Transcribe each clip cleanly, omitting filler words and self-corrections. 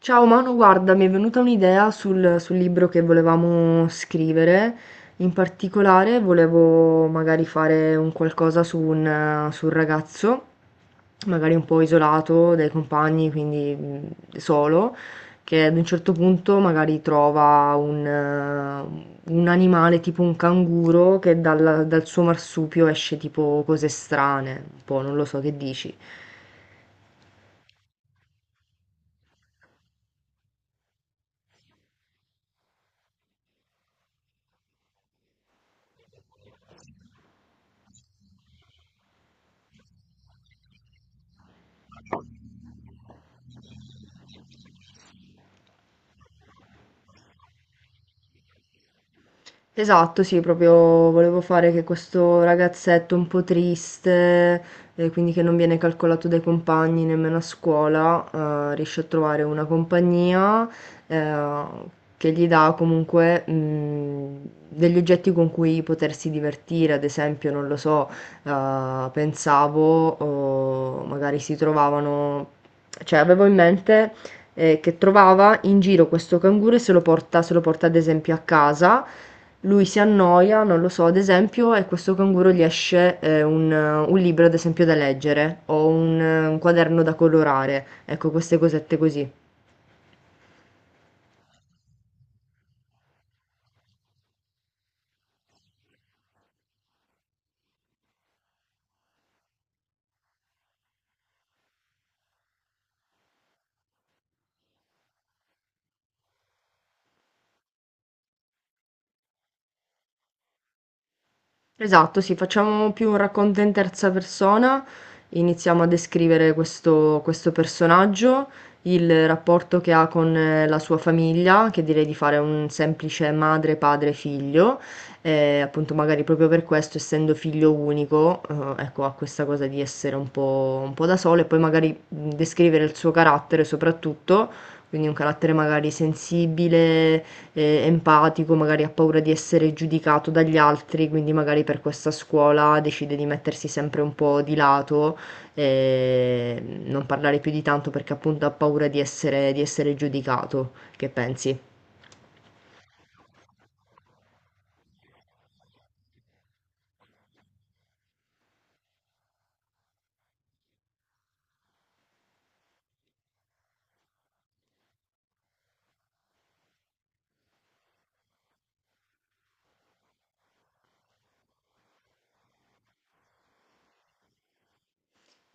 Ciao Manu, guarda, mi è venuta un'idea sul libro che volevamo scrivere. In particolare volevo magari fare un qualcosa su un ragazzo, magari un po' isolato dai compagni, quindi solo, che ad un certo punto magari trova un animale tipo un canguro che dal suo marsupio esce tipo cose strane, un po', non lo so che dici. Esatto, sì, proprio volevo fare che questo ragazzetto un po' triste, quindi che non viene calcolato dai compagni nemmeno a scuola, riesce a trovare una compagnia, eh, che gli dà comunque, degli oggetti con cui potersi divertire, ad esempio, non lo so, pensavo, o magari si trovavano, cioè avevo in mente, che trovava in giro questo canguro e se lo porta ad esempio a casa lui si annoia, non lo so, ad esempio, e questo canguro gli esce, un libro ad esempio da leggere o un quaderno da colorare, ecco queste cosette così. Esatto, sì, facciamo più un racconto in terza persona, iniziamo a descrivere questo personaggio, il rapporto che ha con la sua famiglia, che direi di fare un semplice madre, padre, figlio, appunto magari proprio per questo, essendo figlio unico, ecco, ha questa cosa di essere un po' da solo e poi magari descrivere il suo carattere soprattutto, quindi un carattere magari sensibile empatico, magari ha paura di essere giudicato dagli altri, quindi magari per questa scuola decide di mettersi sempre un po' di lato, non parlare più di tanto perché appunto ha paura di essere giudicato. Che pensi?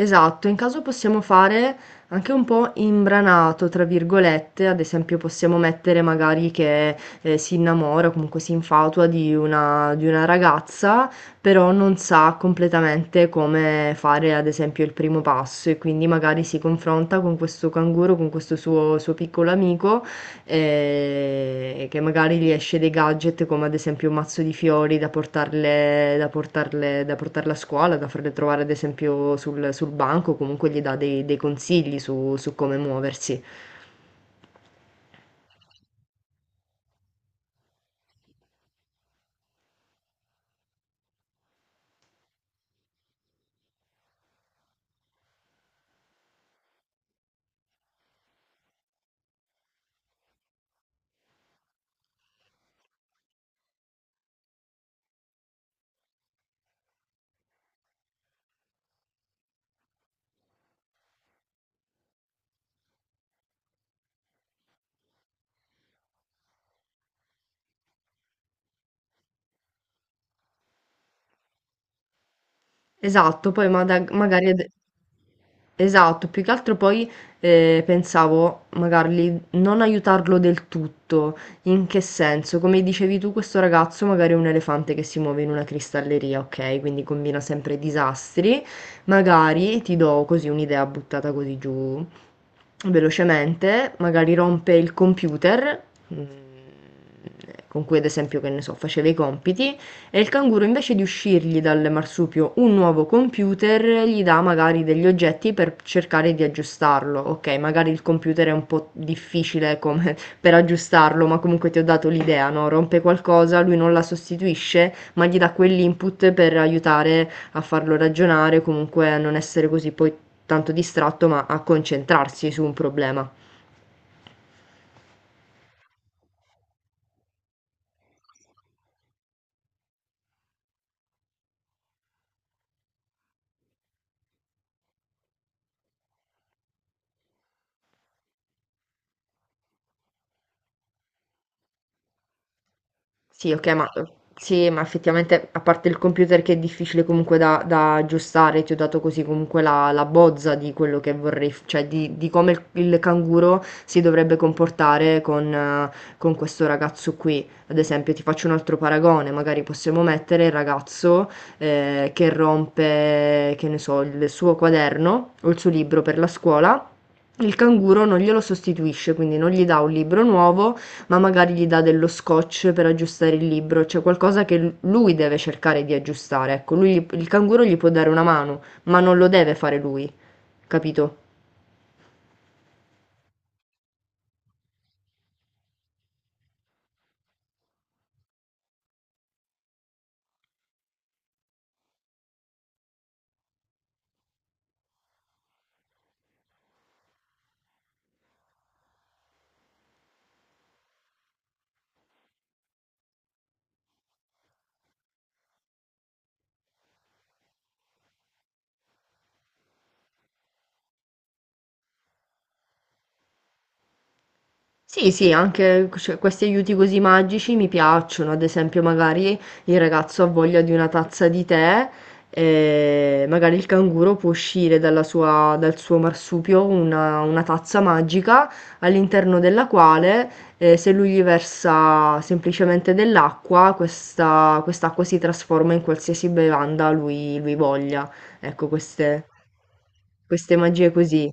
Esatto, in caso possiamo fare anche un po' "imbranato", tra virgolette, ad esempio possiamo mettere magari che, si innamora o comunque si infatua di una ragazza, però non sa completamente come fare, ad esempio, il primo passo e quindi magari si confronta con questo canguro, con questo suo piccolo amico che magari gli esce dei gadget come ad esempio un mazzo di fiori da portarle a scuola, da farle trovare ad esempio sul banco, comunque gli dà dei consigli su come muoversi. Esatto, poi ma da- magari... ad- Esatto, più che altro poi pensavo magari non aiutarlo del tutto. In che senso? Come dicevi tu, questo ragazzo magari è un elefante che si muove in una cristalleria, ok? Quindi combina sempre disastri. Magari ti do così un'idea buttata così giù velocemente, magari rompe il computer, mm, con cui ad esempio, che ne so, faceva i compiti e il canguro invece di uscirgli dal marsupio un nuovo computer gli dà magari degli oggetti per cercare di aggiustarlo. Ok, magari il computer è un po' difficile come per aggiustarlo, ma comunque ti ho dato l'idea, no? Rompe qualcosa, lui non la sostituisce, ma gli dà quell'input per aiutare a farlo ragionare, comunque a non essere così poi tanto distratto, ma a concentrarsi su un problema. Sì, ok, ma sì, ma effettivamente a parte il computer che è difficile comunque da aggiustare, ti ho dato così comunque la bozza di quello che vorrei, cioè di come il canguro si dovrebbe comportare con questo ragazzo qui. Ad esempio, ti faccio un altro paragone, magari possiamo mettere il ragazzo che rompe, che ne so, il suo quaderno o il suo libro per la scuola. Il canguro non glielo sostituisce, quindi non gli dà un libro nuovo, ma magari gli dà dello scotch per aggiustare il libro, cioè qualcosa che lui deve cercare di aggiustare. Ecco, lui, il canguro gli può dare una mano, ma non lo deve fare lui, capito? Sì, sì, anche cioè, questi aiuti così magici mi piacciono, ad esempio magari il ragazzo ha voglia di una tazza di tè e magari il canguro può uscire dal suo marsupio una tazza magica all'interno della quale se lui gli versa semplicemente dell'acqua, questa, quest'acqua si trasforma in qualsiasi bevanda lui voglia. Ecco, queste magie così.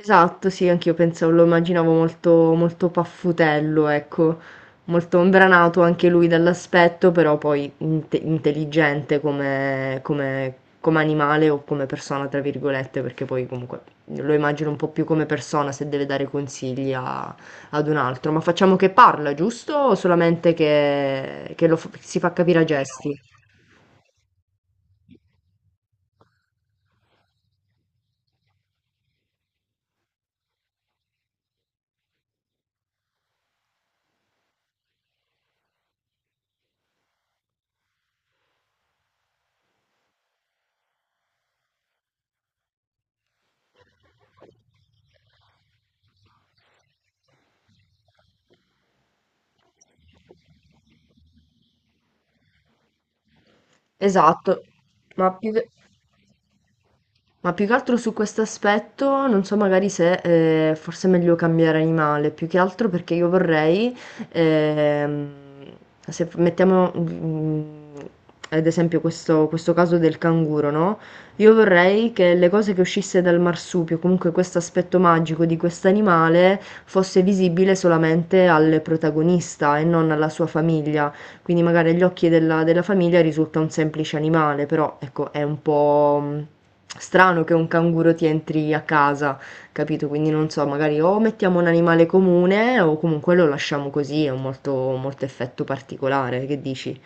Esatto, sì, anch'io pensavo, lo immaginavo molto, molto paffutello, ecco, molto imbranato anche lui dall'aspetto, però poi intelligente come animale o come persona, tra virgolette, perché poi comunque lo immagino un po' più come persona se deve dare consigli ad un altro. Ma facciamo che parla, giusto? O solamente si fa capire a gesti? Esatto, ma più che... ma più che altro su questo aspetto, non so magari se, forse è meglio cambiare animale, più che altro perché io vorrei, ehm, se f mettiamo, mhmm, ad esempio questo caso del canguro, no, io vorrei che le cose che uscisse dal marsupio, comunque questo aspetto magico di quest'animale, fosse visibile solamente al protagonista e non alla sua famiglia, quindi magari agli occhi della famiglia risulta un semplice animale, però ecco, è un po' strano che un canguro ti entri a casa, capito? Quindi non so, magari o mettiamo un animale comune o comunque lo lasciamo così, ha un molto, molto effetto particolare, che dici?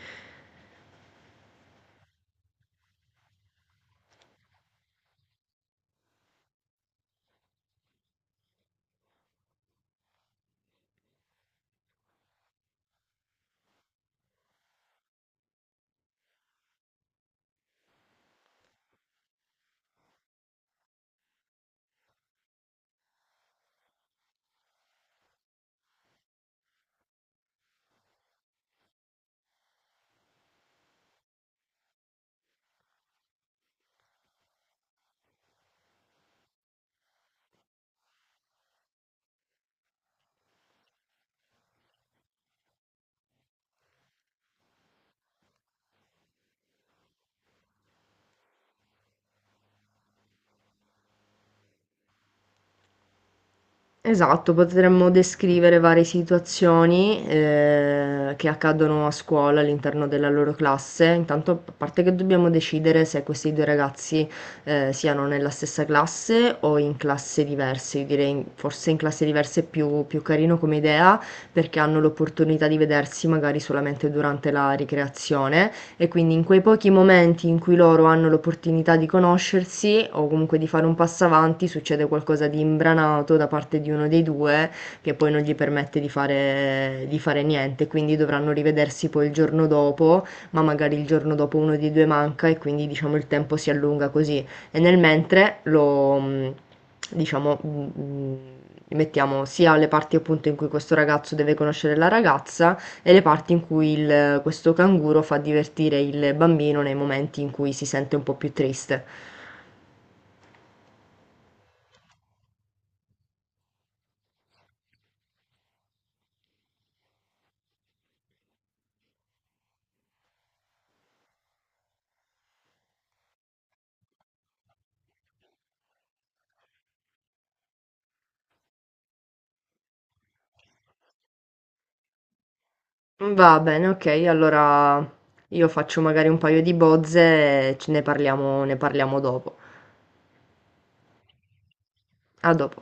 Esatto, potremmo descrivere varie situazioni, che accadono a scuola all'interno della loro classe. Intanto, p a parte che dobbiamo decidere se questi due ragazzi, siano nella stessa classe o in classe diverse. Io direi in forse in classe diverse è più carino come idea, perché hanno l'opportunità di vedersi magari solamente durante la ricreazione. E quindi in quei pochi momenti in cui loro hanno l'opportunità di conoscersi o comunque di fare un passo avanti, succede qualcosa di imbranato da parte di uno dei due che poi non gli permette di fare niente, quindi dovranno rivedersi poi il giorno dopo, ma magari il giorno dopo uno dei due manca e quindi diciamo il tempo si allunga così. E nel mentre lo diciamo mettiamo sia alle parti appunto in cui questo ragazzo deve conoscere la ragazza, e le parti in cui questo canguro fa divertire il bambino nei momenti in cui si sente un po' più triste. Va bene, ok, allora io faccio magari un paio di bozze e ne parliamo dopo. A dopo.